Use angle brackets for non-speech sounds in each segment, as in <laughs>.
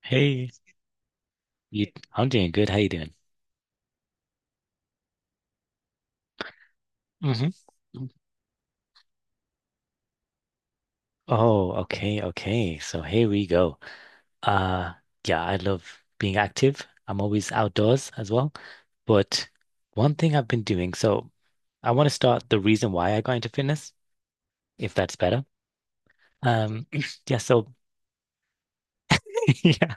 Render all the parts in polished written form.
Hey, you, I'm doing good. How you doing? hmm Oh, okay, okay. So here we go. Uh, yeah, I love being active. I'm always outdoors as well. But one thing I've been doing, so I want to start the reason why I got into fitness, if that's better. Um, <clears throat> yeah, so <laughs> yeah.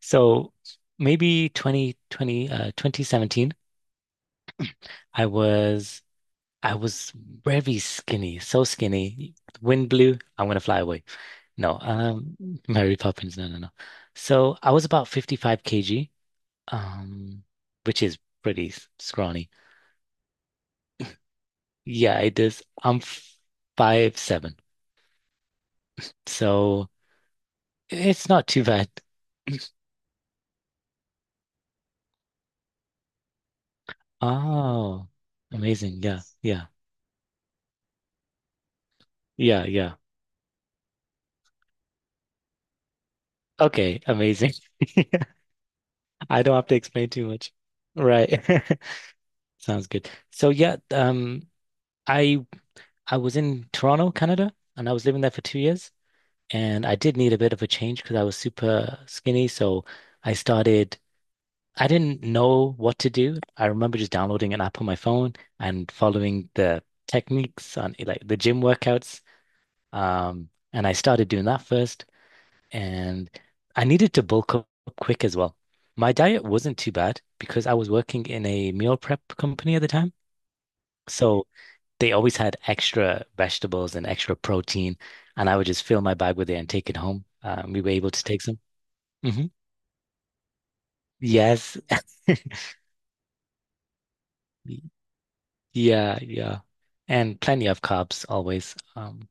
So maybe 2020 2017, I was I was very skinny, so skinny. Wind blew, I'm gonna fly away. No, Mary Poppins. No, no, no. So I was about 55 kg, um, which is pretty scrawny. Yeah, it is. I'm 5'7", so it's not too bad. Oh, amazing. Yeah, yeah, yeah, yeah. Okay, amazing. <laughs> I don't have to explain too much. Right. <laughs> Sounds good. So yeah, I I was in Toronto, Canada, and I was living there for 2 years. And I did need a bit of a change because I was super skinny. So I started, I didn't know what to do. I remember just downloading an app on my phone and following the techniques on like the gym workouts. And I started doing that first. And I needed to bulk up quick as well. My diet wasn't too bad because I was working in a meal prep company at the time. So they always had extra vegetables and extra protein. And I would just fill my bag with it and take it home. We were able to take some hmm yes. <laughs> Yeah, yeah. And plenty of carbs always.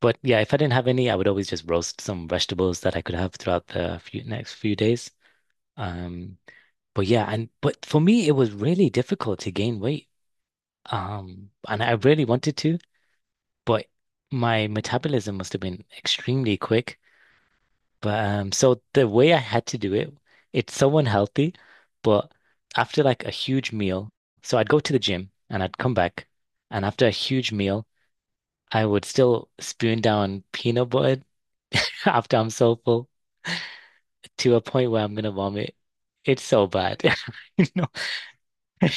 But yeah, if I didn't have any, I would always just roast some vegetables that I could have throughout the few next few days. Um, but yeah, and but for me, it was really difficult to gain weight. And I really wanted to, but my metabolism must have been extremely quick. But so the way I had to do it, it's so unhealthy, but after like a huge meal, so I'd go to the gym and I'd come back, and after a huge meal, I would still spoon down peanut butter <laughs> after I'm so full to a point where I'm gonna vomit. It's so bad. <laughs> You know, <laughs>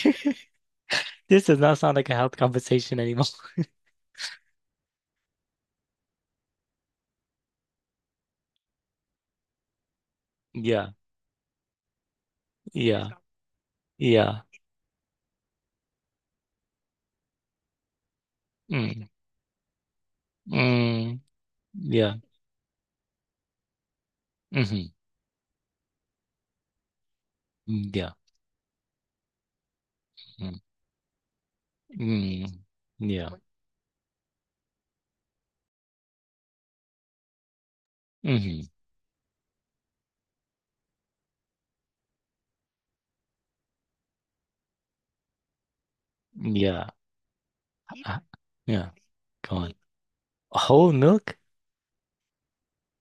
this does not sound like a health conversation anymore. <laughs> Yeah, yeah, yeah. Mm, mm, yeah. hmm Yeah. Mm, mm, yeah. hmm Yeah. Uh, yeah, go on. Whole milk?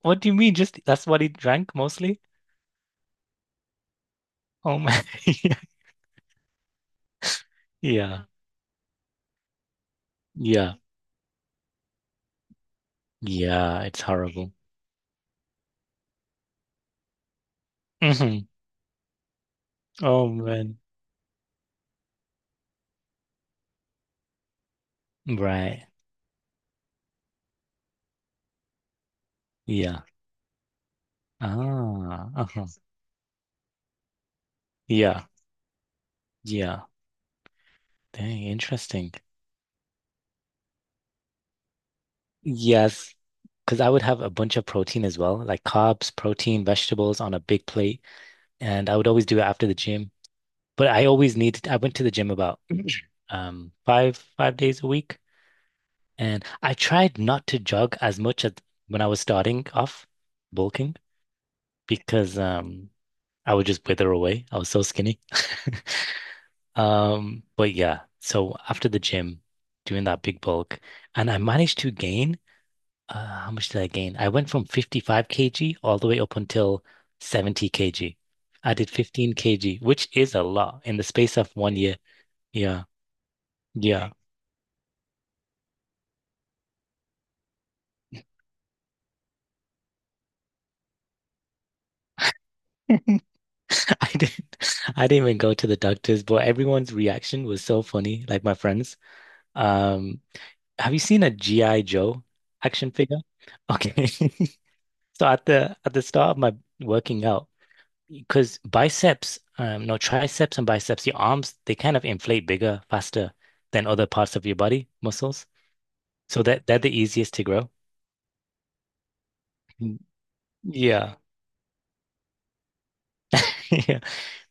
What do you mean? Just that's what he drank mostly? Oh man, <laughs> yeah. Yeah. Yeah, it's horrible. hmm Oh man. Right. Yeah. Ah, uh-huh. Yeah. Yeah. Dang, interesting. Yes, because I would have a bunch of protein as well, like carbs, protein, vegetables on a big plate, and I would always do it after the gym. But I always needed, I went to the gym about <clears throat> five days a week. And I tried not to jog as much as when I was starting off bulking because I would just wither away. I was so skinny. <laughs> But yeah, so after the gym, doing that big bulk, and I managed to gain how much did I gain? I went from 55 kg all the way up until 70 kg. I did 15 kg, which is a lot in the space of one year. Yeah, yeah. <laughs> <laughs> I didn't I didn't even go to the doctors, but everyone's reaction was so funny, like my friends. Um, have you seen a G.I. Joe action figure? Okay. <laughs> So at the start of my working out, because biceps, no, triceps and biceps, your arms, they kind of inflate bigger, faster than other parts of your body muscles. So that they're the easiest to grow. Mm. Yeah. <laughs>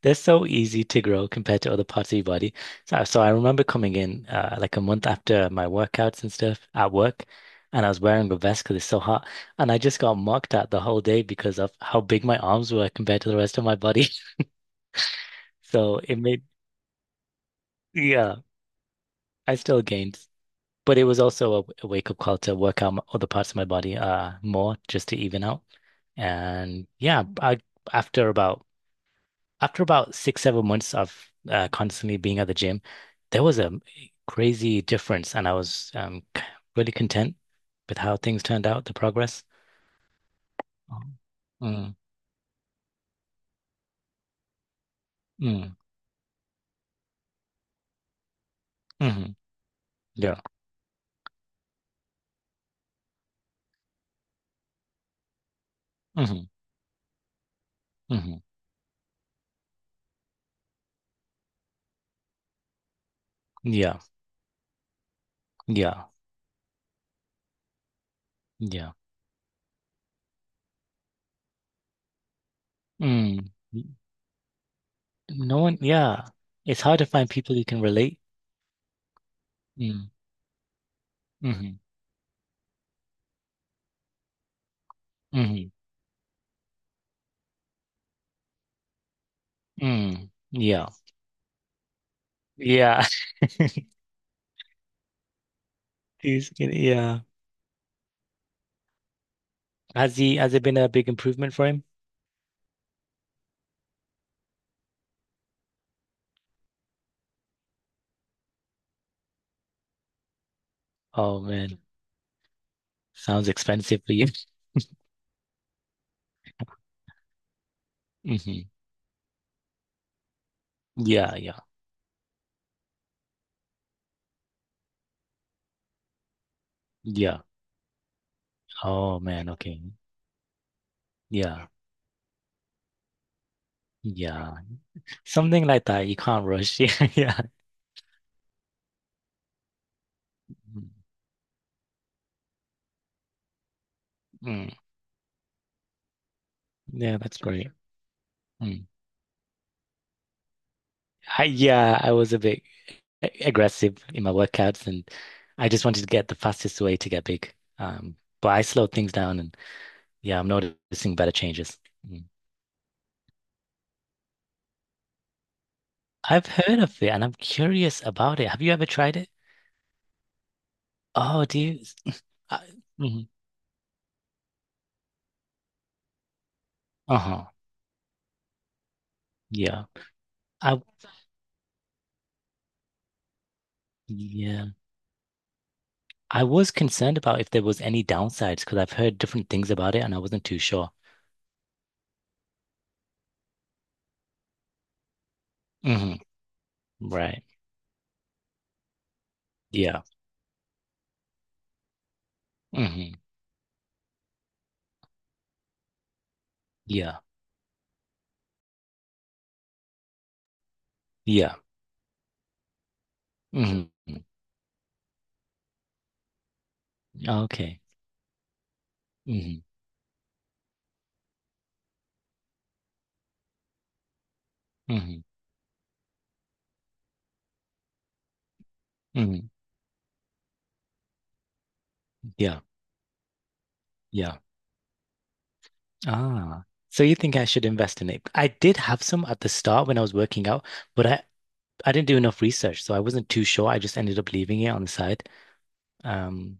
They're so easy to grow compared to other parts of your body. So I remember coming in like a month after my workouts and stuff at work, and I was wearing a vest because it's so hot, and I just got mocked at the whole day because of how big my arms were compared to the rest of my body. <laughs> So it made, yeah, I still gained, but it was also a wake-up call to work out other parts of my body more just to even out. And yeah, I after about after about six, 7 months of constantly being at the gym, there was a crazy difference, and I was really content with how things turned out, the progress. Oh. Mm, mm, hmm yeah. hmm hmm Yeah. Yeah. Yeah. Mm. No one, yeah. It's hard to find people you can relate. Mm, hmm hmm mm. Yeah. Yeah. <laughs> He's, yeah. Has he, has it been a big improvement for him? Oh man. Sounds expensive for you. hmm Yeah, yeah, yeah. Oh man, okay. Yeah, yeah. Something like that, You e-commerce. <laughs> Yeah, yeah. Mm. Mm. Yeah, that's great. Mm. I, yeah, I was a bit aggressive in my workouts and I just wanted to get the fastest way to get big. Um, but I slowed things down and yeah, I'm noticing better changes. Mm. I've heard of it and I'm curious about it. Have you ever tried it? Oh, do you? <laughs> I, mhm. Uh-huh. Yeah. I, yeah. I was concerned about if there was any downsides because I've heard different things about it and I wasn't too sure. hmm Right. Yeah. hmm Yeah. Yeah. hmm Okay. hmm hmm hmm Yeah. Yeah. Ah. So you think I should invest in it? I did have some at the start when I was working out, but I didn't do enough research, so I wasn't too sure. I just ended up leaving it on the side. Um,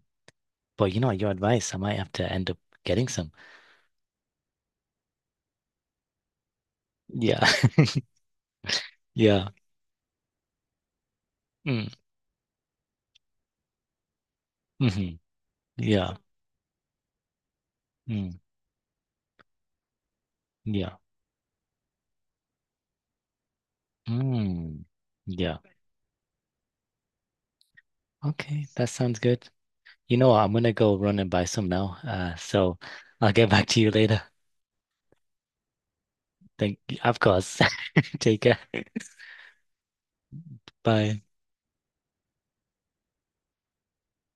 but you know, your advice, I might have to end up getting some. Yeah. <laughs> Yeah. Mm. hmm Yeah. Mm. Yeah. Mm, yeah. Okay, that sounds good. You know what? I'm gonna go run and buy some now. So I'll get back to you later. Thank, of course. <laughs> Take care. Bye.